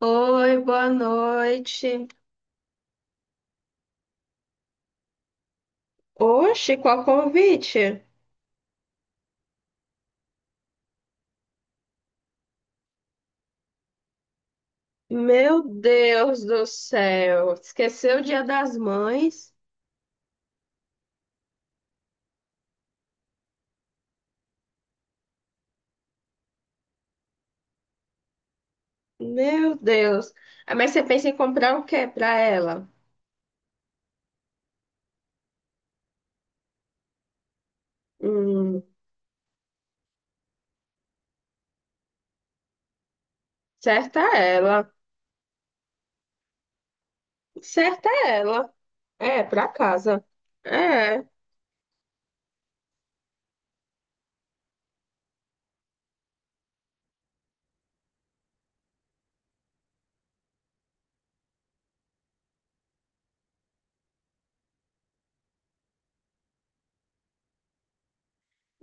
Oi, boa noite. Oxe, qual convite? Meu Deus do céu, esqueceu o Dia das Mães? Meu Deus. Ah, mas você pensa em comprar o quê para ela? Hum, certa ela, certa ela. É, para casa. É.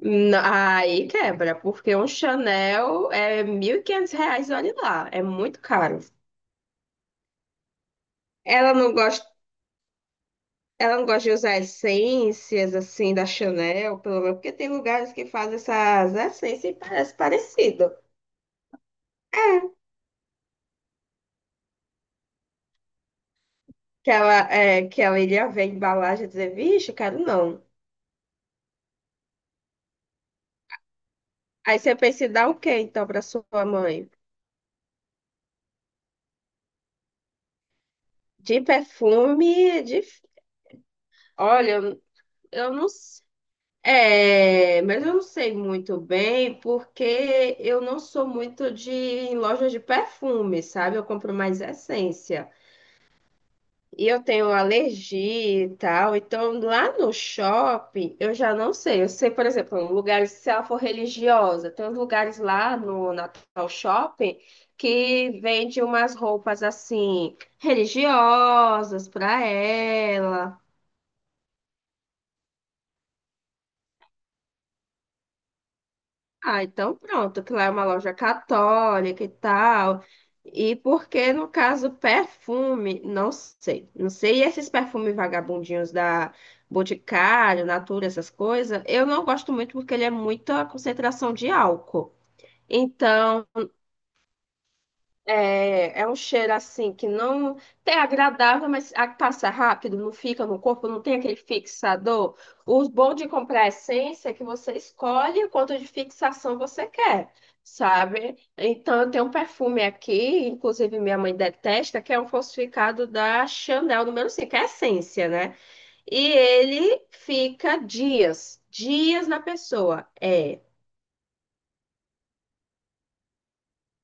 Aí quebra, porque um Chanel é R$ 1.500, olha lá, é muito caro. Ela não gosta Ela não gosta de usar essências assim da Chanel, pelo menos, porque tem lugares que fazem essas essências e parece parecido. É, que ela iria ver a embalagem e dizer, vixe, quero não. Aí você pensa em dar o quê então para sua mãe? De perfume, de. Olha, eu não sei. É, mas eu não sei muito bem, porque eu não sou muito de em lojas de perfume, sabe? Eu compro mais essência. E eu tenho alergia e tal. Então, lá no shopping, eu já não sei. Eu sei, por exemplo, lugares, se ela for religiosa, tem uns lugares lá no Natal Shopping que vende umas roupas assim, religiosas para ela. Ah, então pronto, que lá é uma loja católica e tal. E porque, no caso, perfume, não sei. Não sei, e esses perfumes vagabundinhos da Boticário, Natura, essas coisas, eu não gosto muito porque ele é muita concentração de álcool. Então, é um cheiro assim que não é agradável, mas passa rápido, não fica no corpo, não tem aquele fixador. O bom de comprar essência é que você escolhe quanto de fixação você quer, sabe? Então, eu tenho um perfume aqui, inclusive minha mãe detesta, que é um falsificado da Chanel número 5, é essência, né? E ele fica dias, dias na pessoa. É.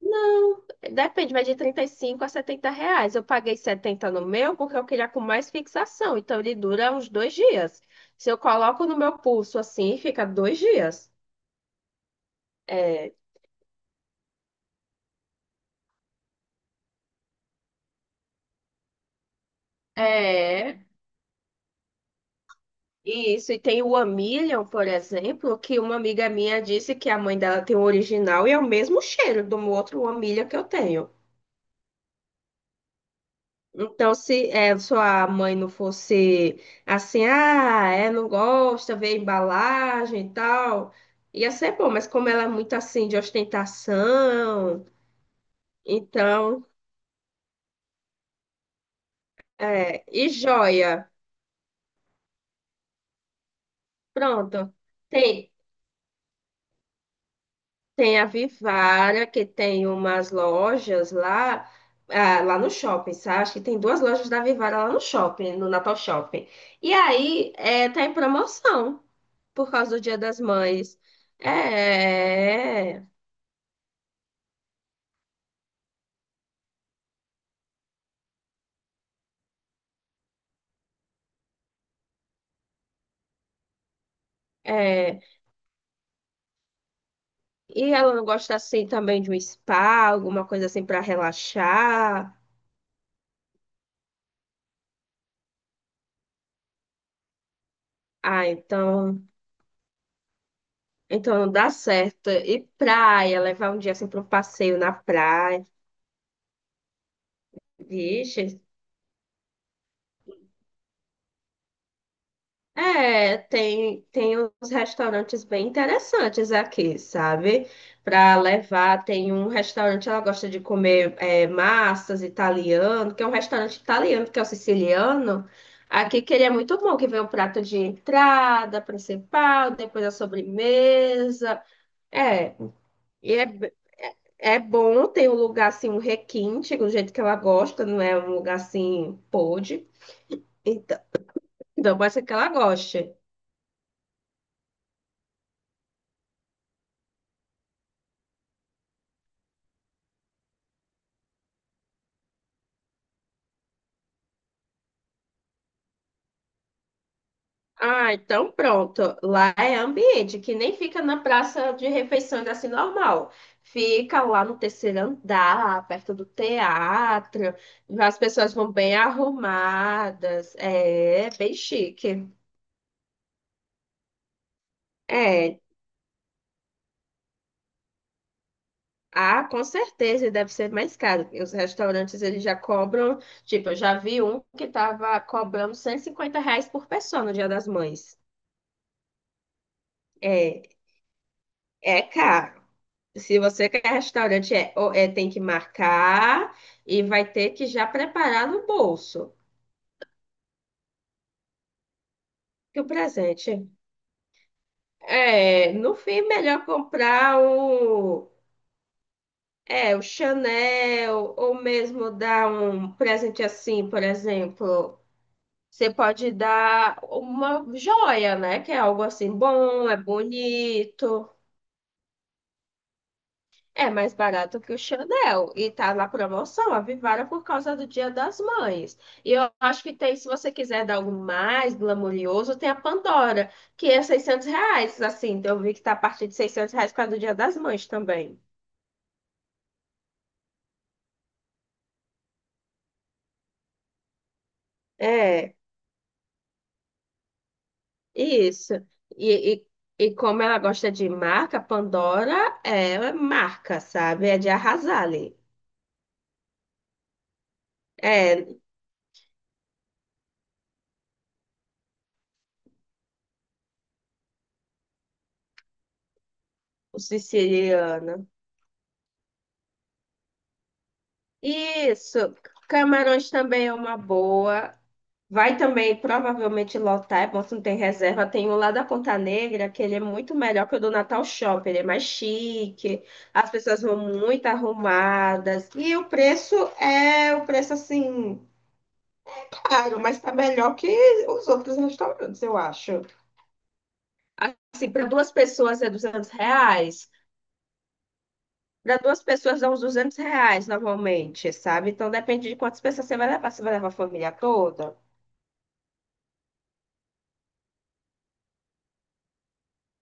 Não, depende, mas de R$ 35 a R$ 70. Eu paguei 70 no meu porque eu queria com mais fixação, então ele dura uns 2 dias. Se eu coloco no meu pulso assim, fica 2 dias. É. É. Isso, e tem o Amilion, por exemplo, que uma amiga minha disse que a mãe dela tem o original e é o mesmo cheiro do outro Amilion que eu tenho. Então, se sua mãe não fosse assim, ah, é, não gosta, vê a embalagem e tal, ia ser bom, mas como ela é muito assim de ostentação, então, e joia, pronto. Tem, tem a Vivara, que tem umas lojas lá, lá no shopping, sabe? Acho que tem duas lojas da Vivara lá no shopping, no Natal Shopping. E aí, tá em promoção. Por causa do Dia das Mães. É, é. É. E ela não gosta assim também de um spa, alguma coisa assim para relaxar. Ah, então não dá certo. E praia, levar um dia assim para um passeio na praia. Vixe, tem uns restaurantes bem interessantes aqui, sabe? Para levar, tem um restaurante, ela gosta de comer massas italiano, que é um restaurante italiano, que é o siciliano. Aqui que ele é muito bom, que vem o prato de entrada principal, depois a sobremesa. É, e é bom, tem um lugar assim, um requinte, do jeito que ela gosta, não é um lugar assim, podre. Então, então pode ser que ela goste. Ah, então pronto. Lá é ambiente, que nem fica na praça de refeições assim normal. Fica lá no terceiro andar, perto do teatro. As pessoas vão bem arrumadas. É bem chique. É. Ah, com certeza e deve ser mais caro. Os restaurantes eles já cobram, tipo, eu já vi um que tava cobrando R$ 150 por pessoa no Dia das Mães. É, é caro. Se você quer restaurante, tem que marcar e vai ter que já preparar no bolso. Que o presente. É, no fim, melhor comprar o Chanel, ou mesmo dar um presente assim, por exemplo. Você pode dar uma joia, né? Que é algo assim bom, é bonito. É mais barato que o Chanel e tá na promoção, avivaram por causa do Dia das Mães. E eu acho que tem, se você quiser dar algo mais glamouroso, tem a Pandora, que é R$ 600, assim, então, eu vi que tá a partir de R$ 600 por causa do Dia das Mães também. É, isso. E, e como ela gosta de marca, Pandora é marca, sabe? É de arrasar ali. É, o siciliano. Isso. Camarões também é uma boa. Vai também provavelmente lotar, é bom se não tem reserva. Tem o lá da Ponta Negra, que ele é muito melhor que o do Natal Shopping, ele é mais chique, as pessoas vão muito arrumadas. E o preço assim, caro, mas tá melhor que os outros restaurantes, eu acho. Assim, para duas pessoas é R$ 200, para duas pessoas dá uns R$ 200 normalmente, sabe? Então depende de quantas pessoas você vai levar a família toda.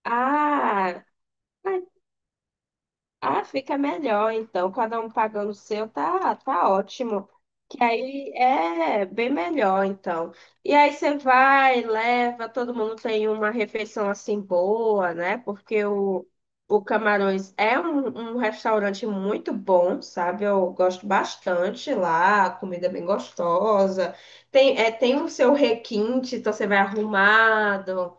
Ah. Ah, fica melhor, então, cada um pagando o seu, tá, tá ótimo. Que aí é bem melhor, então. E aí você vai, leva, todo mundo tem uma refeição assim boa, né? Porque o Camarões é um restaurante muito bom, sabe? Eu gosto bastante lá, comida é bem gostosa. Tem o seu requinte, então você vai arrumado.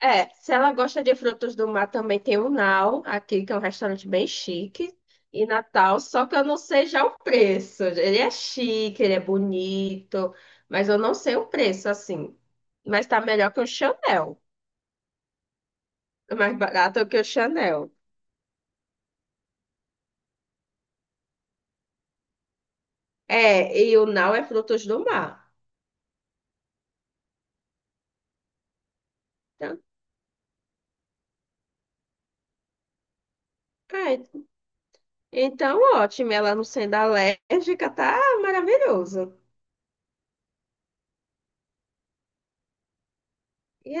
É, se ela gosta de frutos do mar, também tem o Nau, aqui, que é um restaurante bem chique, em Natal, só que eu não sei já o preço. Ele é chique, ele é bonito, mas eu não sei o preço, assim. Mas tá melhor que o Chanel. É mais barato que o Chanel. É, e o Nau é frutos do mar. Então, é, então, ótimo. Ela não sendo alérgica, tá maravilhoso. E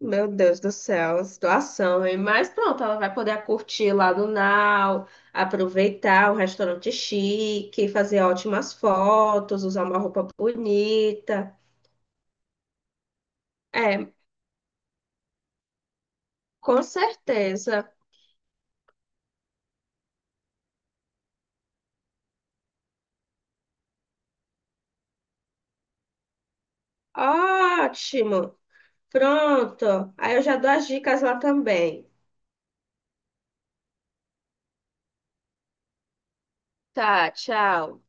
meu Deus do céu, situação, hein? Mas pronto, ela vai poder curtir lá no Nau, aproveitar um restaurante chique, fazer ótimas fotos, usar uma roupa bonita. É, com certeza. Ótimo. Pronto. Aí eu já dou as dicas lá também. Tá, tchau.